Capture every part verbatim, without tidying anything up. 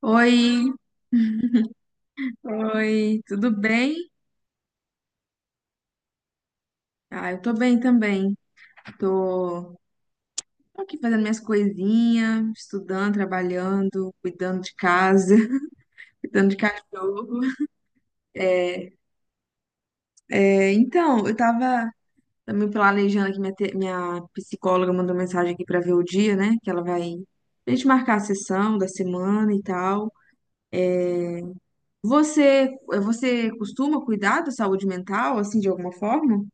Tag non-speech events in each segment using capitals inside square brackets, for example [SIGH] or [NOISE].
Oi, oi, tudo bem? Ah, eu tô bem também. Tô, tô aqui fazendo minhas coisinhas, estudando, trabalhando, cuidando de casa, [LAUGHS] cuidando de cachorro. É, é, então, eu tava, tava me planejando aqui, minha, te- minha psicóloga mandou mensagem aqui pra ver o dia, né? Que ela vai a gente marcar a sessão da semana e tal. Você, você costuma cuidar da saúde mental, assim, de alguma forma?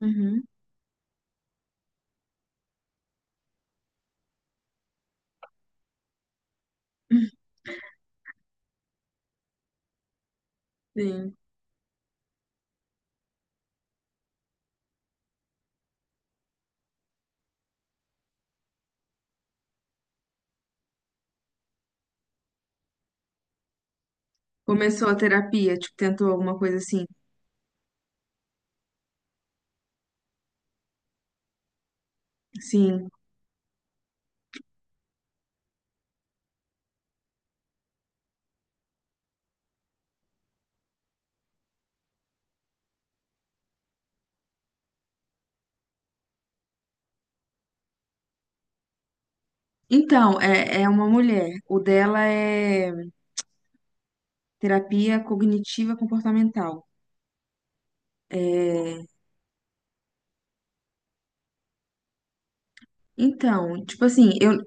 Uhum. Sim. Começou a terapia, tipo, tentou alguma coisa assim. Sim. Então, é, é uma mulher. O dela é terapia cognitiva comportamental. É, então, tipo assim, eu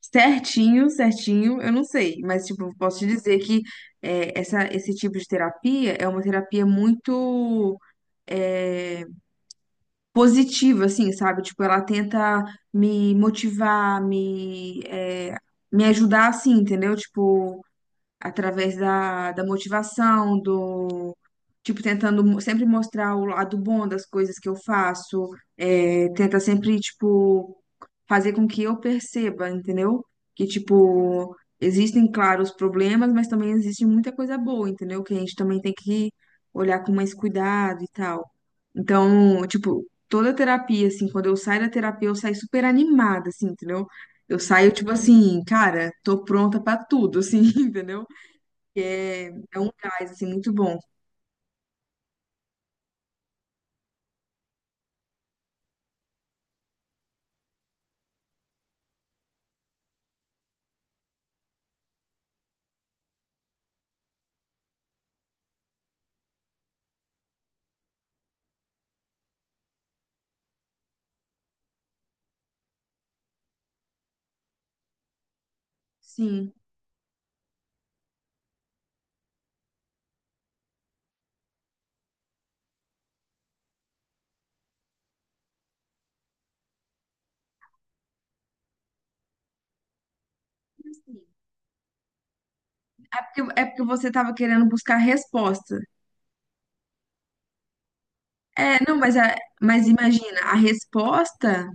certinho, certinho, eu não sei, mas tipo, posso te dizer que é, essa, esse tipo de terapia é uma terapia muito é, positiva, assim, sabe? Tipo, ela tenta me motivar, me, é, me ajudar, assim, entendeu? Tipo, através da, da motivação, do tipo, tentando mo- sempre mostrar o lado bom das coisas que eu faço, é, tenta sempre, tipo, fazer com que eu perceba, entendeu? Que, tipo, existem, claro, os problemas, mas também existe muita coisa boa, entendeu? Que a gente também tem que olhar com mais cuidado e tal. Então, tipo, toda a terapia, assim, quando eu saio da terapia, eu saio super animada, assim, entendeu? Eu saio, tipo assim, cara, tô pronta pra tudo, assim, [LAUGHS] entendeu? É um gás, assim, muito bom. Sim. É porque, é porque você estava querendo buscar resposta. É, não, mas, a, mas imagina, a resposta,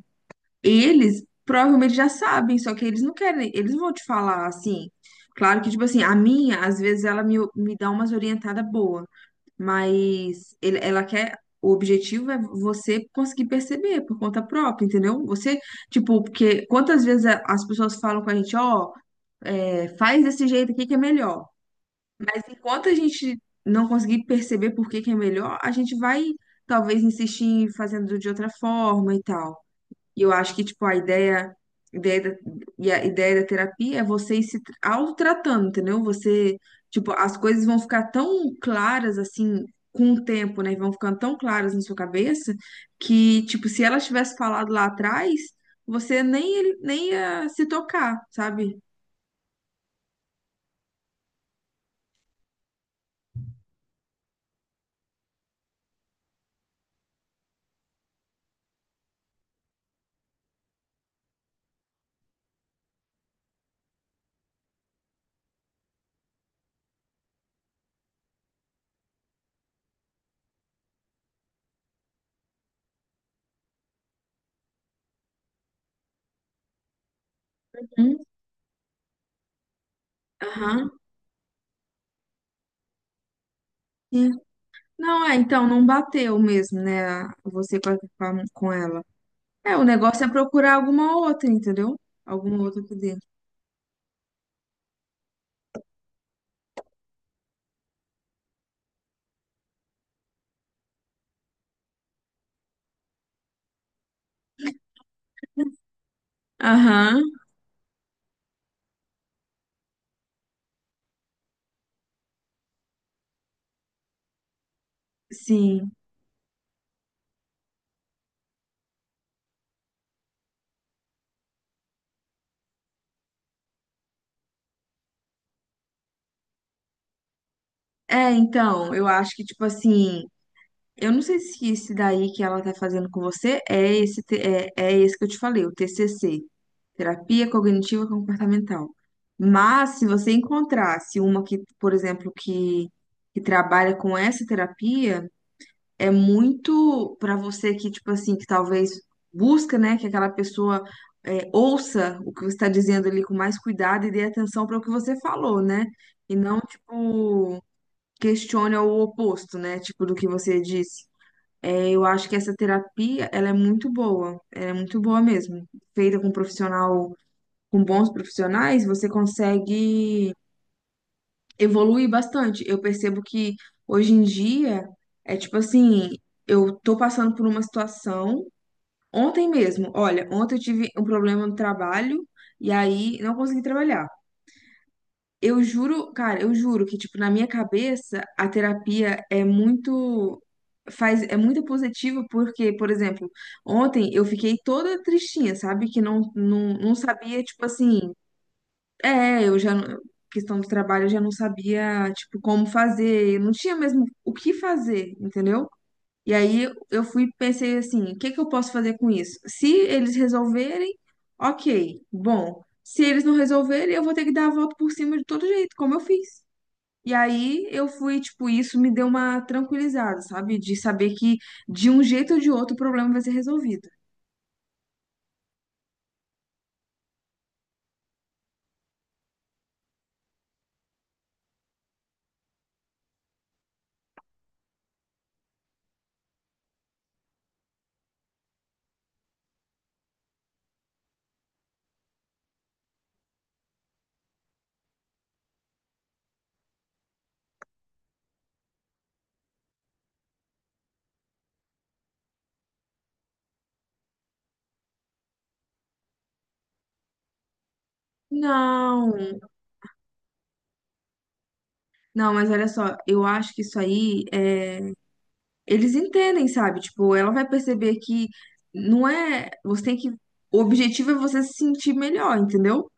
eles provavelmente já sabem, só que eles não querem, eles vão te falar assim. Claro que, tipo assim, a minha, às vezes, ela me, me dá umas orientadas boas, mas ele- ela quer. O objetivo é você conseguir perceber por conta própria, entendeu? Você, tipo, porque quantas vezes a- as pessoas falam com a gente, ó, é, faz desse jeito aqui que é melhor. Mas enquanto a gente não conseguir perceber por que que é melhor, a gente vai talvez insistir em fazendo de outra forma e tal. E eu acho que, tipo, a ideia, ideia da, e a ideia da terapia é você ir se tra- autotratando, entendeu? Você, tipo, as coisas vão ficar tão claras assim com o tempo, né? Vão ficando tão claras na sua cabeça que, tipo, se ela tivesse falado lá atrás, você nem, nem ia se tocar, sabe? Hum. Aham. Não, é, então não bateu mesmo, né? a- Você com, a- com a- com ela. É, o negócio é procurar alguma outra, entendeu? Alguma outra aqui dentro. Aham, sim. É, então, eu acho que, tipo assim, eu não sei se esse daí que ela tá fazendo com você é esse, te- é, é esse que eu te falei, o T C C, Terapia Cognitiva Comportamental. Mas, se você encontrasse uma que, por exemplo, que, que trabalha com essa terapia. É muito para você que, tipo assim, que talvez busca, né, que aquela pessoa é, ouça o que você está dizendo ali com mais cuidado e dê atenção para o que você falou, né? E não, tipo, questione o oposto, né, tipo, do que você disse. É, eu acho que essa terapia, ela é muito boa, ela é muito boa mesmo. Feita com um profissional, com bons profissionais, você consegue evolui bastante. Eu percebo que hoje em dia é tipo assim, eu tô passando por uma situação. Ontem mesmo, olha, ontem eu tive um problema no trabalho e aí não consegui trabalhar. Eu juro, cara, eu juro que tipo na minha cabeça a terapia é muito faz é muito positiva porque, por exemplo, ontem eu fiquei toda tristinha, sabe? Que não não, não sabia tipo assim é, eu já, não- questão do trabalho, eu já não sabia, tipo, como fazer, eu não tinha mesmo o que fazer, entendeu? E aí eu fui, e pensei assim, o que que eu posso fazer com isso? Se eles resolverem, ok, bom. Se eles não resolverem, eu vou ter que dar a volta por cima de todo jeito, como eu fiz. E aí eu fui, tipo, isso me deu uma tranquilizada, sabe? De saber que de um jeito ou de outro o problema vai ser resolvido. Não, não, mas olha só, eu acho que isso aí é. Eles entendem, sabe? Tipo, ela vai perceber que não é. Você tem que. O objetivo é você se sentir melhor, entendeu?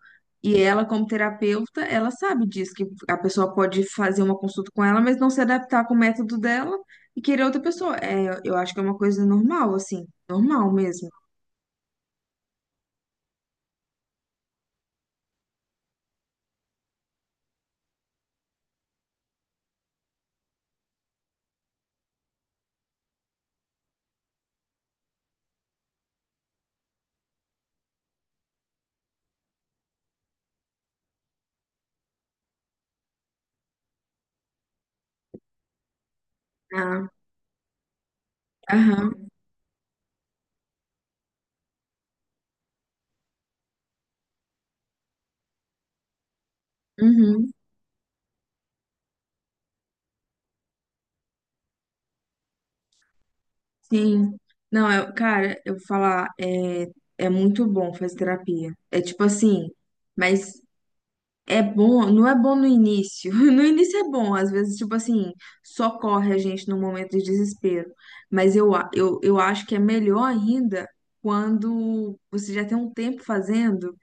E ela, como terapeuta, ela sabe disso, que a pessoa pode fazer uma consulta com ela, mas não se adaptar com o método dela e querer outra pessoa. É, eu acho que é uma coisa normal, assim, normal mesmo. Ah, aham, uhum, sim. Não, eu, cara, eu vou falar, é, é muito bom fazer terapia. É tipo assim, mas é bom, não é bom no início. [LAUGHS] No início é bom, às vezes, tipo assim, socorre a gente num momento de desespero. Mas eu, a- eu, eu acho que é melhor ainda quando você já tem um tempo fazendo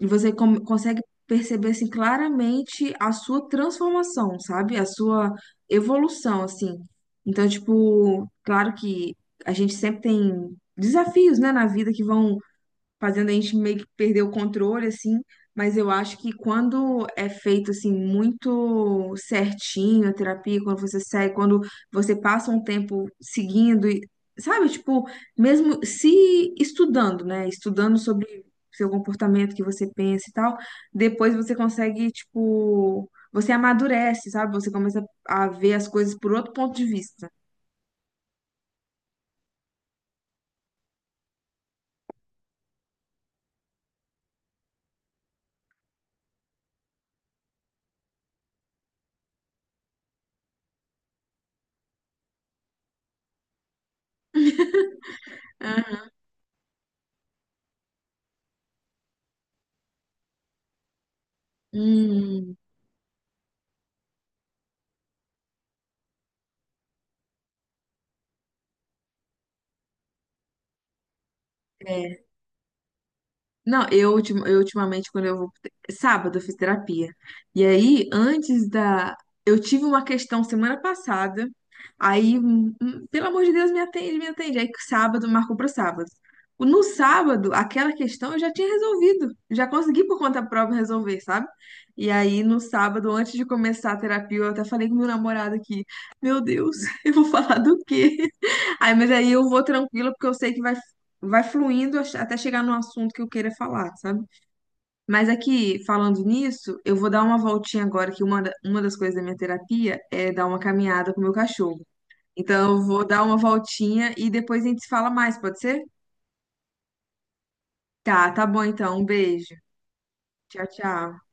e você com- consegue perceber, assim, claramente a sua transformação, sabe? A sua evolução, assim. Então, tipo, claro que a gente sempre tem desafios, né, na vida que vão fazendo a gente meio que perder o controle, assim. Mas eu acho que quando é feito, assim, muito certinho a terapia, quando você segue, quando você passa um tempo seguindo, e, sabe? Tipo, mesmo se estudando, né? Estudando sobre seu comportamento, que você pensa e tal, depois você consegue, tipo, você amadurece, sabe? Você começa a ver as coisas por outro ponto de vista. Hum, É, não, eu, ultim- eu ultimamente, quando eu vou. Sábado eu fiz terapia. E aí, antes da. Eu tive uma questão semana passada. Aí, hum, hum, pelo amor de Deus, me atende, me atende. Aí, sábado, marcou para sábado. No sábado, aquela questão eu já tinha resolvido. Já consegui por conta própria resolver, sabe? E aí, no sábado, antes de começar a terapia, eu até falei com meu namorado aqui: Meu Deus, [LAUGHS] eu vou falar do quê? Aí, mas aí eu vou tranquila, porque eu sei que vai vai fluindo ach- até chegar no assunto que eu queira falar, sabe? Mas aqui, falando nisso, eu vou dar uma voltinha agora, que uma, da- uma das coisas da minha terapia é dar uma caminhada com o meu cachorro. Então, eu vou dar uma voltinha e depois a gente se fala mais, pode ser? Tá, tá bom então. Um beijo. Tchau, tchau.